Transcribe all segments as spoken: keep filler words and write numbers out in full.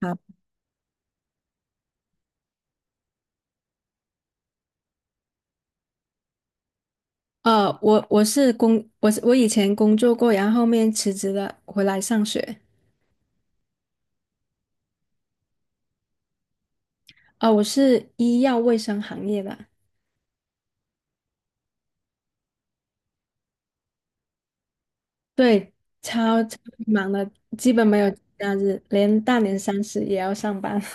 啊，呃，我我是工，我是我以前工作过，然后后面辞职了，回来上学。啊、我是医药卫生行业的。对，超超忙的，基本没有节假日，连大年三十也要上班。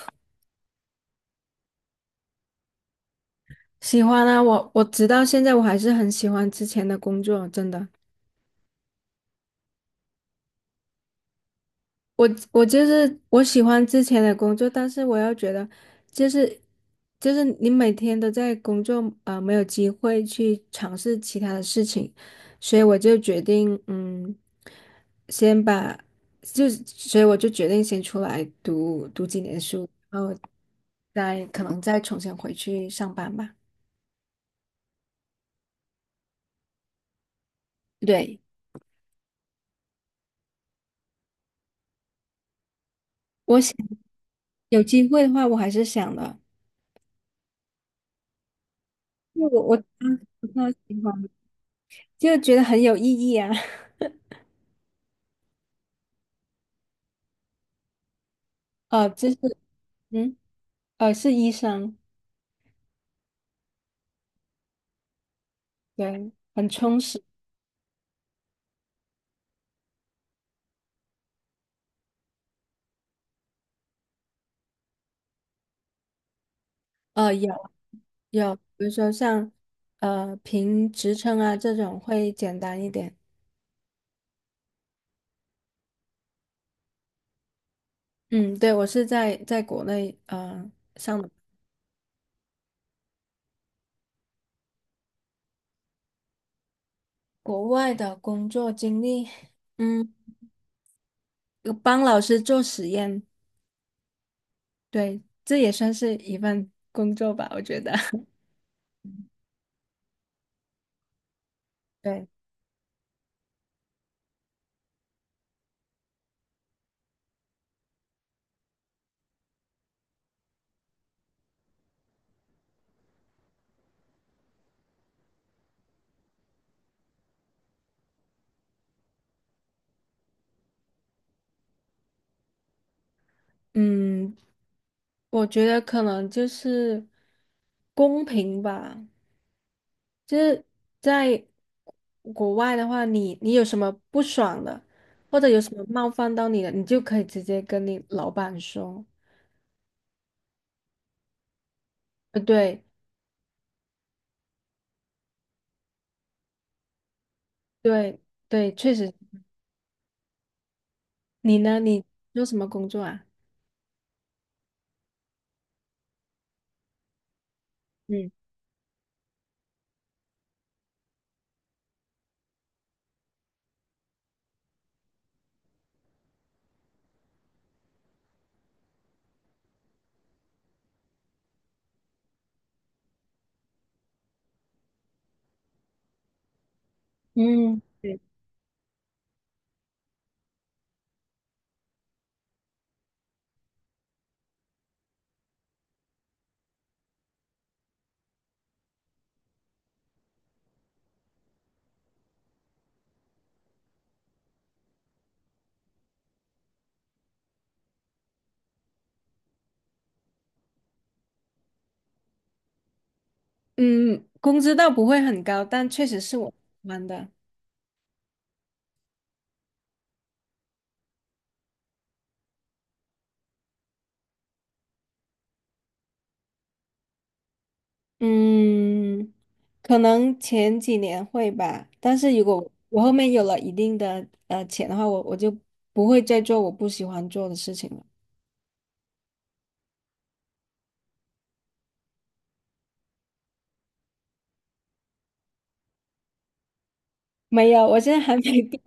喜欢啊，我我直到现在我还是很喜欢之前的工作，真的。我我就是我喜欢之前的工作，但是我又觉得，就是就是你每天都在工作，啊，没有机会去尝试其他的事情，所以我就决定，嗯，先把，就所以我就决定先出来读读几年书，然后再可能再重新回去上班吧。对，我想有机会的话，我还是想的。因为我我当时不太喜欢，就觉得很有意义啊。哦，就是。嗯。呃，是医生。对，很充实。呃，有有，比如说像呃评职称啊这种会简单一点。嗯，对，我是在在国内呃上的。国外的工作经历，嗯，有帮老师做实验。对，这也算是一份工作吧，我觉得。对。嗯，我觉得可能就是公平吧。就是在国外的话，你你有什么不爽的，或者有什么冒犯到你的，你就可以直接跟你老板说。呃，对对对，确实。你呢？你做什么工作啊？嗯嗯对。嗯，工资倒不会很高，但确实是我喜欢的。嗯，可能前几年会吧，但是如果我后面有了一定的呃钱的话，我我就不会再做我不喜欢做的事情了。没有，我现在还没毕，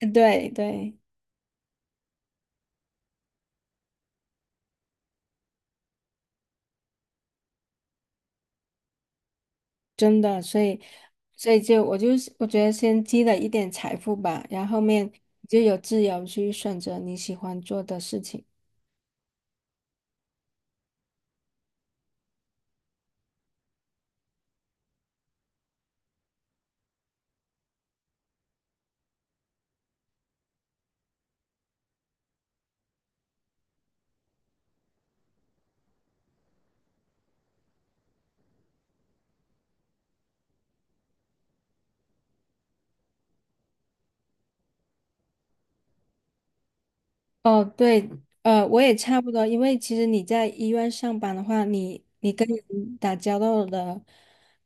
对对。真的，所以所以就我就是我觉得先积累一点财富吧，然后后面你就有自由去选择你喜欢做的事情。哦，对，呃，我也差不多，因为其实你在医院上班的话，你你跟人打交道的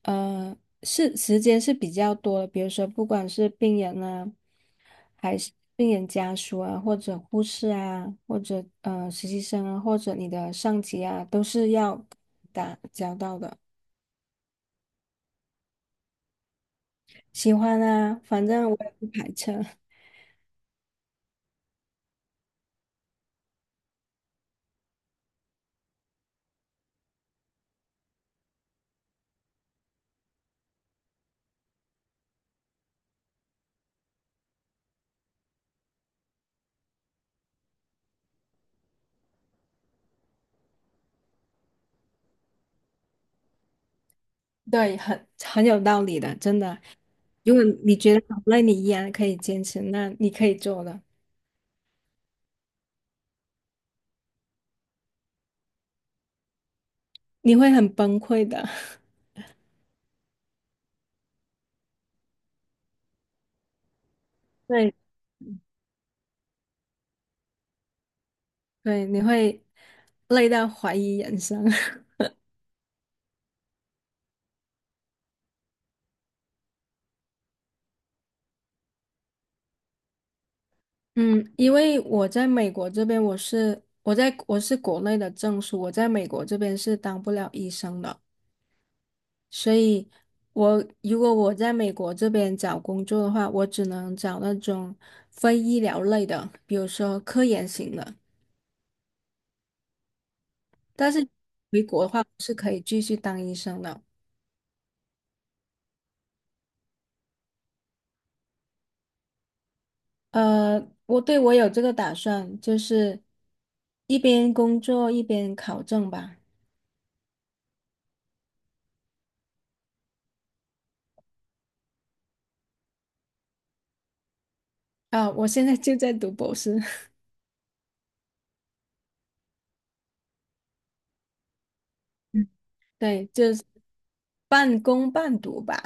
呃，是时间是比较多的。比如说不管是病人啊，还是病人家属啊，或者护士啊，或者呃实习生啊，或者你的上级啊，都是要打交道的。喜欢啊，反正我也不排斥。对，很很有道理的，真的。如果你觉得好累，你依然可以坚持，那你可以做的。你会很崩溃的。对对，你会累到怀疑人生。嗯，因为我在美国这边，我是我在我是国内的证书，我在美国这边是当不了医生的，所以我如果我在美国这边找工作的话，我只能找那种非医疗类的，比如说科研型的。但是。是可以继续当医生的。呃，我对我有这个打算，就是一边工作一边考证吧。啊，我现在就在读博士。嗯对，就是半工半读吧。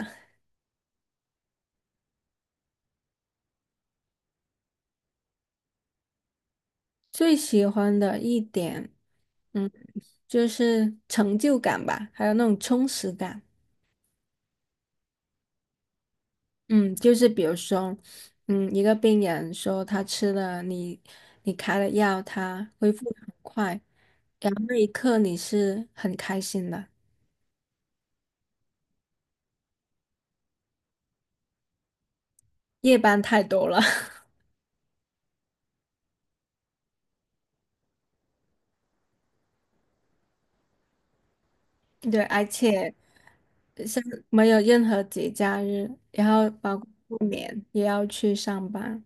最喜欢的一点，嗯，就是成就感吧，还有那种充实感。嗯，就是比如说，嗯，一个病人说他吃了你你开的药，他恢复得很快，然后那一刻你是很开心的。夜班太多了。对，而且像没有任何节假日，然后包括过年也要去上班。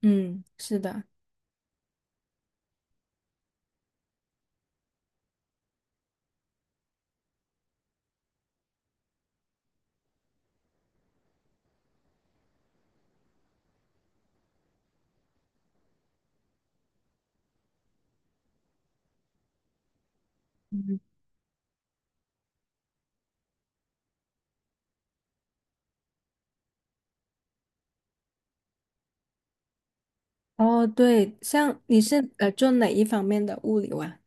嗯，是的。嗯，哦，对，像你是呃做哪一方面的物流啊？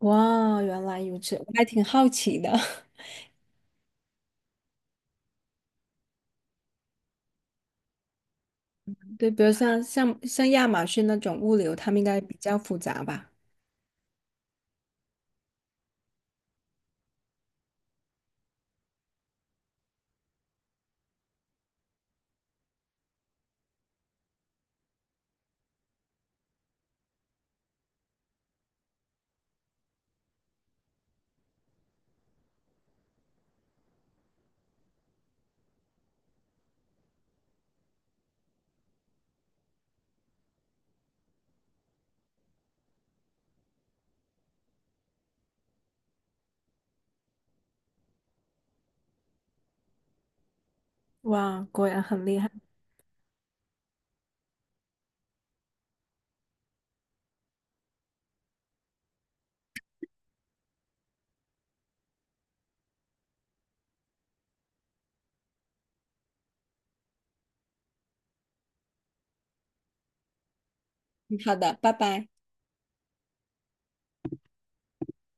哇，原来如此，我还挺好奇的。对，比如像像像亚马逊那种物流，他们应该比较复杂吧？哇，果然很厉害。嗯好的，拜拜。